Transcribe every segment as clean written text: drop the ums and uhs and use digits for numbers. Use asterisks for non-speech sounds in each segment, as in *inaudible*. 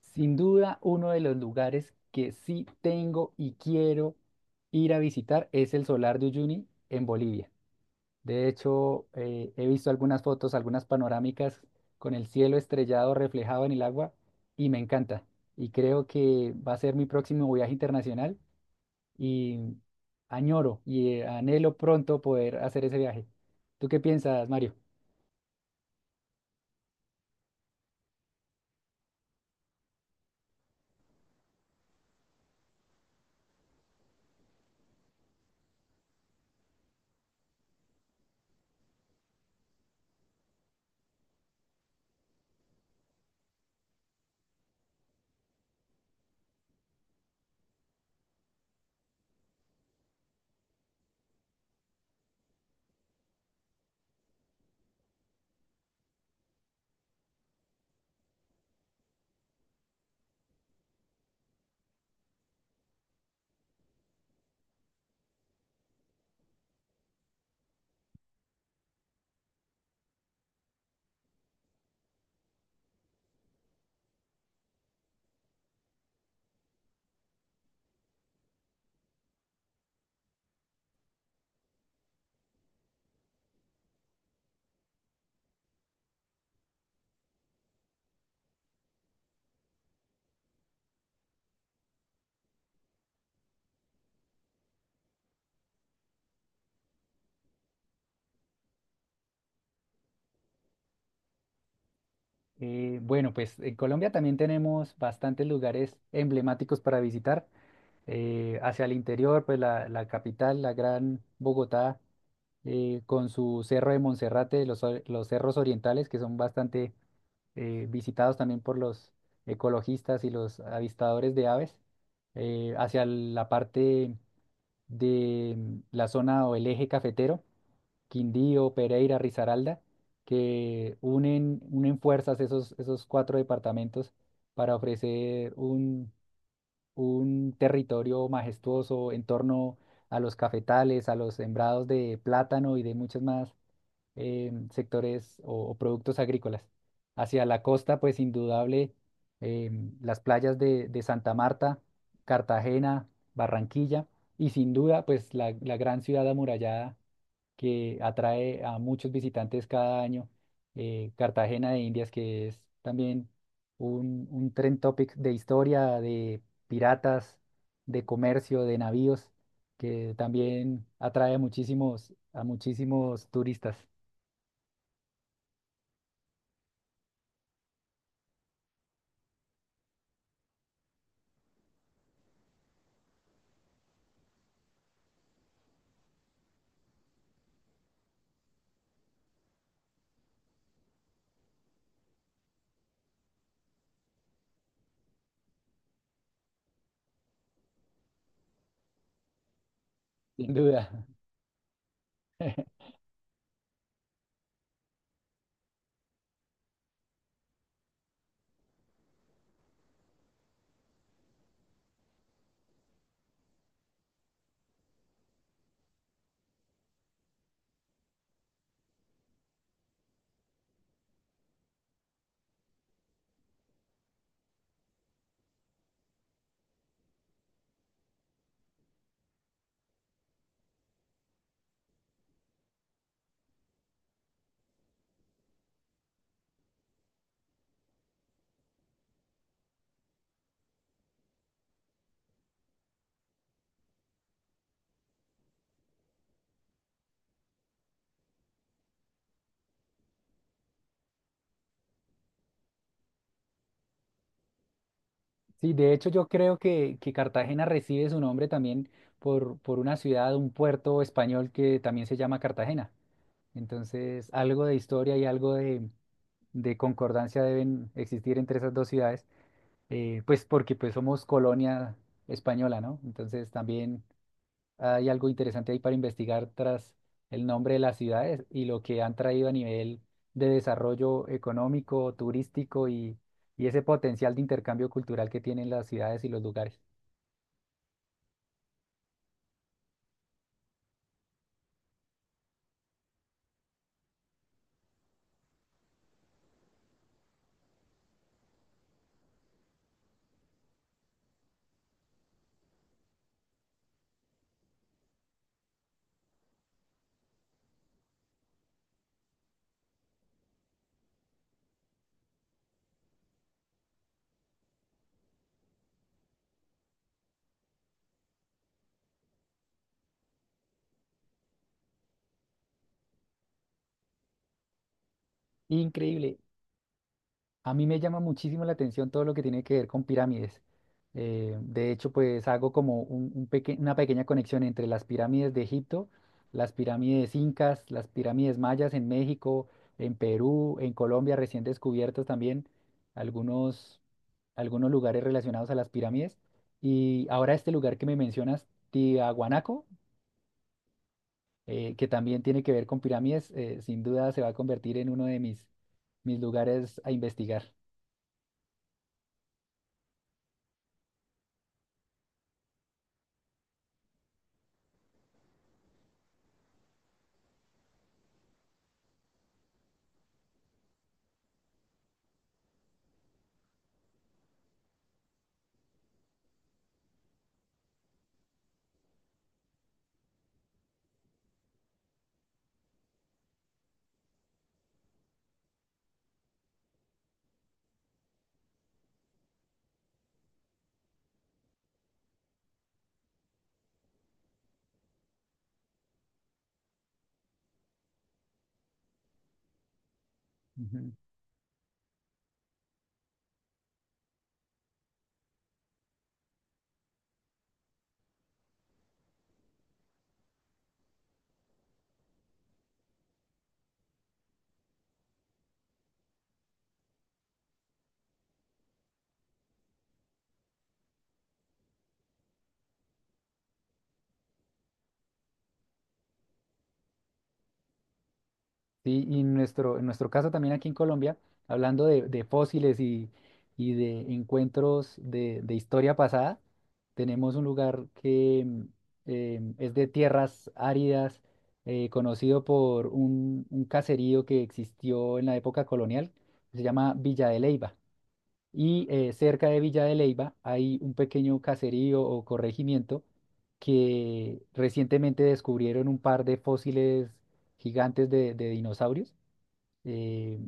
Sin duda, uno de los lugares que sí tengo y quiero ir a visitar es el Solar de Uyuni en Bolivia. De hecho, he visto algunas fotos, algunas panorámicas con el cielo estrellado reflejado en el agua y me encanta. Y creo que va a ser mi próximo viaje internacional y añoro y anhelo pronto poder hacer ese viaje. ¿Tú qué piensas, Mario? Bueno, pues en Colombia también tenemos bastantes lugares emblemáticos para visitar. Hacia el interior, pues la capital, la gran Bogotá, con su Cerro de Monserrate, los cerros orientales, que son bastante visitados también por los ecologistas y los avistadores de aves. Hacia la parte de la zona o el eje cafetero. Quindío, Pereira, Risaralda, que unen fuerzas esos cuatro departamentos para ofrecer un territorio majestuoso en torno a los cafetales, a los sembrados de plátano y de muchos más sectores o productos agrícolas. Hacia la costa, pues indudable, eh, las playas de Santa Marta, Cartagena, Barranquilla y sin duda, pues la gran ciudad amurallada que atrae a muchos visitantes cada año. Eh, Cartagena de Indias, que es también un trend topic de historia, de piratas, de comercio, de navíos, que también atrae a a muchísimos turistas. *laughs* Sin duda. Sí, de hecho yo creo que Cartagena recibe su nombre también por una ciudad, un puerto español que también se llama Cartagena. Entonces, algo de historia y algo de concordancia deben existir entre esas dos ciudades, pues porque pues somos colonia española, ¿no? Entonces también hay algo interesante ahí para investigar tras el nombre de las ciudades y lo que han traído a nivel de desarrollo económico, turístico y ese potencial de intercambio cultural que tienen las ciudades y los lugares. Increíble. A mí me llama muchísimo la atención todo lo que tiene que ver con pirámides. De hecho, pues hago como una pequeña conexión entre las pirámides de Egipto, las pirámides incas, las pirámides mayas en México, en Perú, en Colombia, recién descubiertos también algunos, algunos lugares relacionados a las pirámides. Y ahora este lugar que me mencionas, Tiahuanaco, que también tiene que ver con pirámides, sin duda se va a convertir en uno de mis lugares a investigar. Ujú. Sí, y en nuestro caso también aquí en Colombia, hablando de fósiles y de encuentros de historia pasada, tenemos un lugar que es de tierras áridas, conocido por un caserío que existió en la época colonial, se llama Villa de Leyva. Y cerca de Villa de Leyva hay un pequeño caserío o corregimiento que recientemente descubrieron un par de fósiles gigantes de dinosaurios, eh,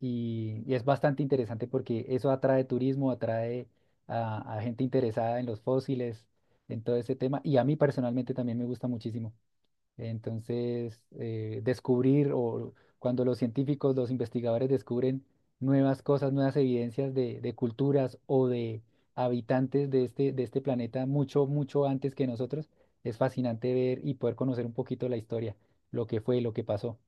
y es bastante interesante porque eso atrae turismo, atrae a gente interesada en los fósiles, en todo ese tema. Y a mí personalmente también me gusta muchísimo. Entonces, descubrir o cuando los científicos, los investigadores descubren nuevas cosas, nuevas evidencias de culturas o de habitantes de de este planeta mucho, mucho antes que nosotros, es fascinante ver y poder conocer un poquito la historia, lo que fue, lo que pasó.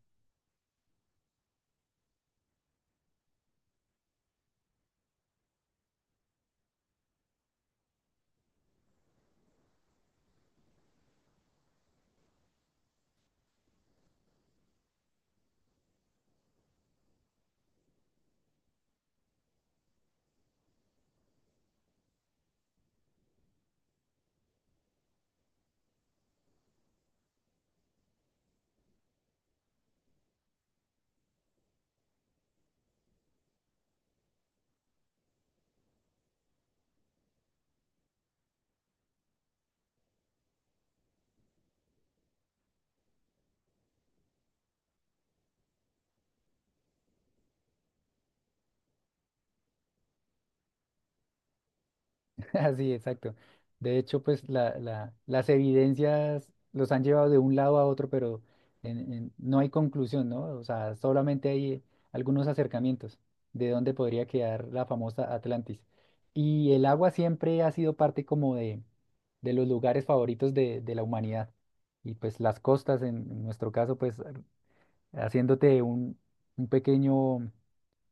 *laughs* Así, exacto. De hecho, pues las evidencias los han llevado de un lado a otro, pero no hay conclusión, ¿no? O sea, solamente hay algunos acercamientos de dónde podría quedar la famosa Atlantis. Y el agua siempre ha sido parte como de los lugares favoritos de la humanidad. Y pues las costas, en nuestro caso, pues haciéndote un pequeño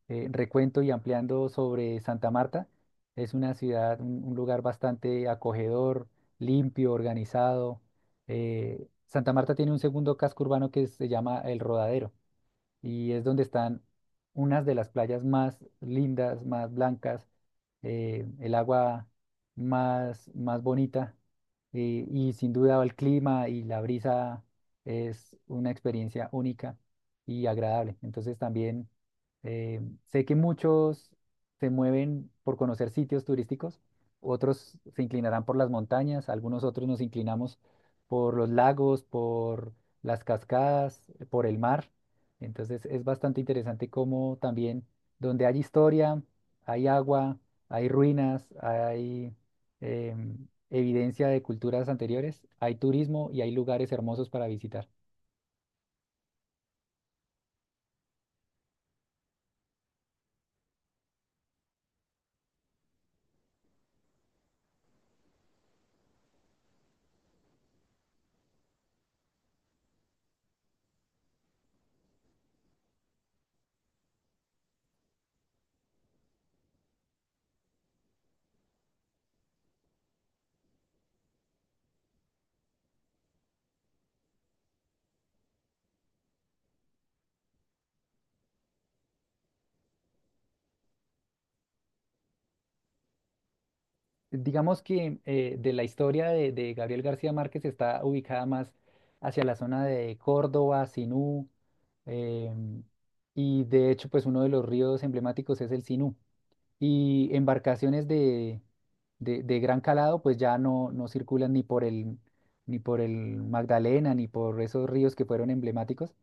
recuento y ampliando sobre Santa Marta. Es una ciudad, un lugar bastante acogedor, limpio, organizado. Santa Marta tiene un segundo casco urbano que se llama El Rodadero y es donde están unas de las playas más lindas, más blancas, el agua más bonita, y sin duda el clima y la brisa es una experiencia única y agradable. Entonces también eh, sé que muchos se mueven por conocer sitios turísticos, otros se inclinarán por las montañas, algunos otros nos inclinamos por los lagos, por las cascadas, por el mar. Entonces es bastante interesante cómo también donde hay historia, hay agua, hay ruinas, hay evidencia de culturas anteriores, hay turismo y hay lugares hermosos para visitar. Digamos que de la historia de Gabriel García Márquez está ubicada más hacia la zona de Córdoba, Sinú, em, y de hecho pues uno de los ríos emblemáticos es el Sinú. Y embarcaciones de gran calado pues ya no circulan ni por ni por el Magdalena, ni por esos ríos que fueron emblemáticos.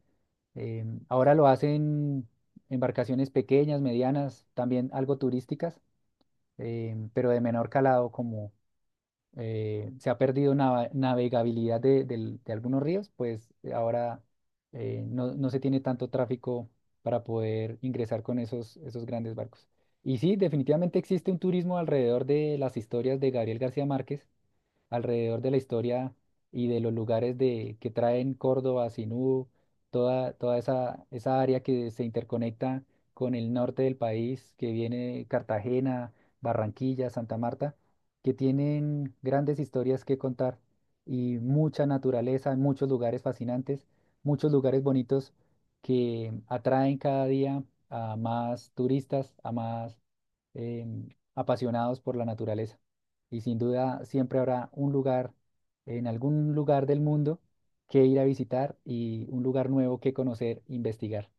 Ahora lo hacen embarcaciones pequeñas, medianas, también algo turísticas, pero de menor calado como se ha perdido navegabilidad de algunos ríos, pues ahora no, no se tiene tanto tráfico para poder ingresar con esos grandes barcos. Y sí, definitivamente existe un turismo alrededor de las historias de Gabriel García Márquez, alrededor de la historia y de los lugares que traen Córdoba, Sinú, toda esa área que se interconecta con el norte del país, que viene Cartagena, Barranquilla, Santa Marta, que tienen grandes historias que contar y mucha naturaleza, muchos lugares fascinantes, muchos lugares bonitos que atraen cada día a más turistas, a más em, apasionados por la naturaleza y sin duda siempre habrá un lugar, en algún lugar del mundo que ir a visitar y un lugar nuevo que conocer, investigar.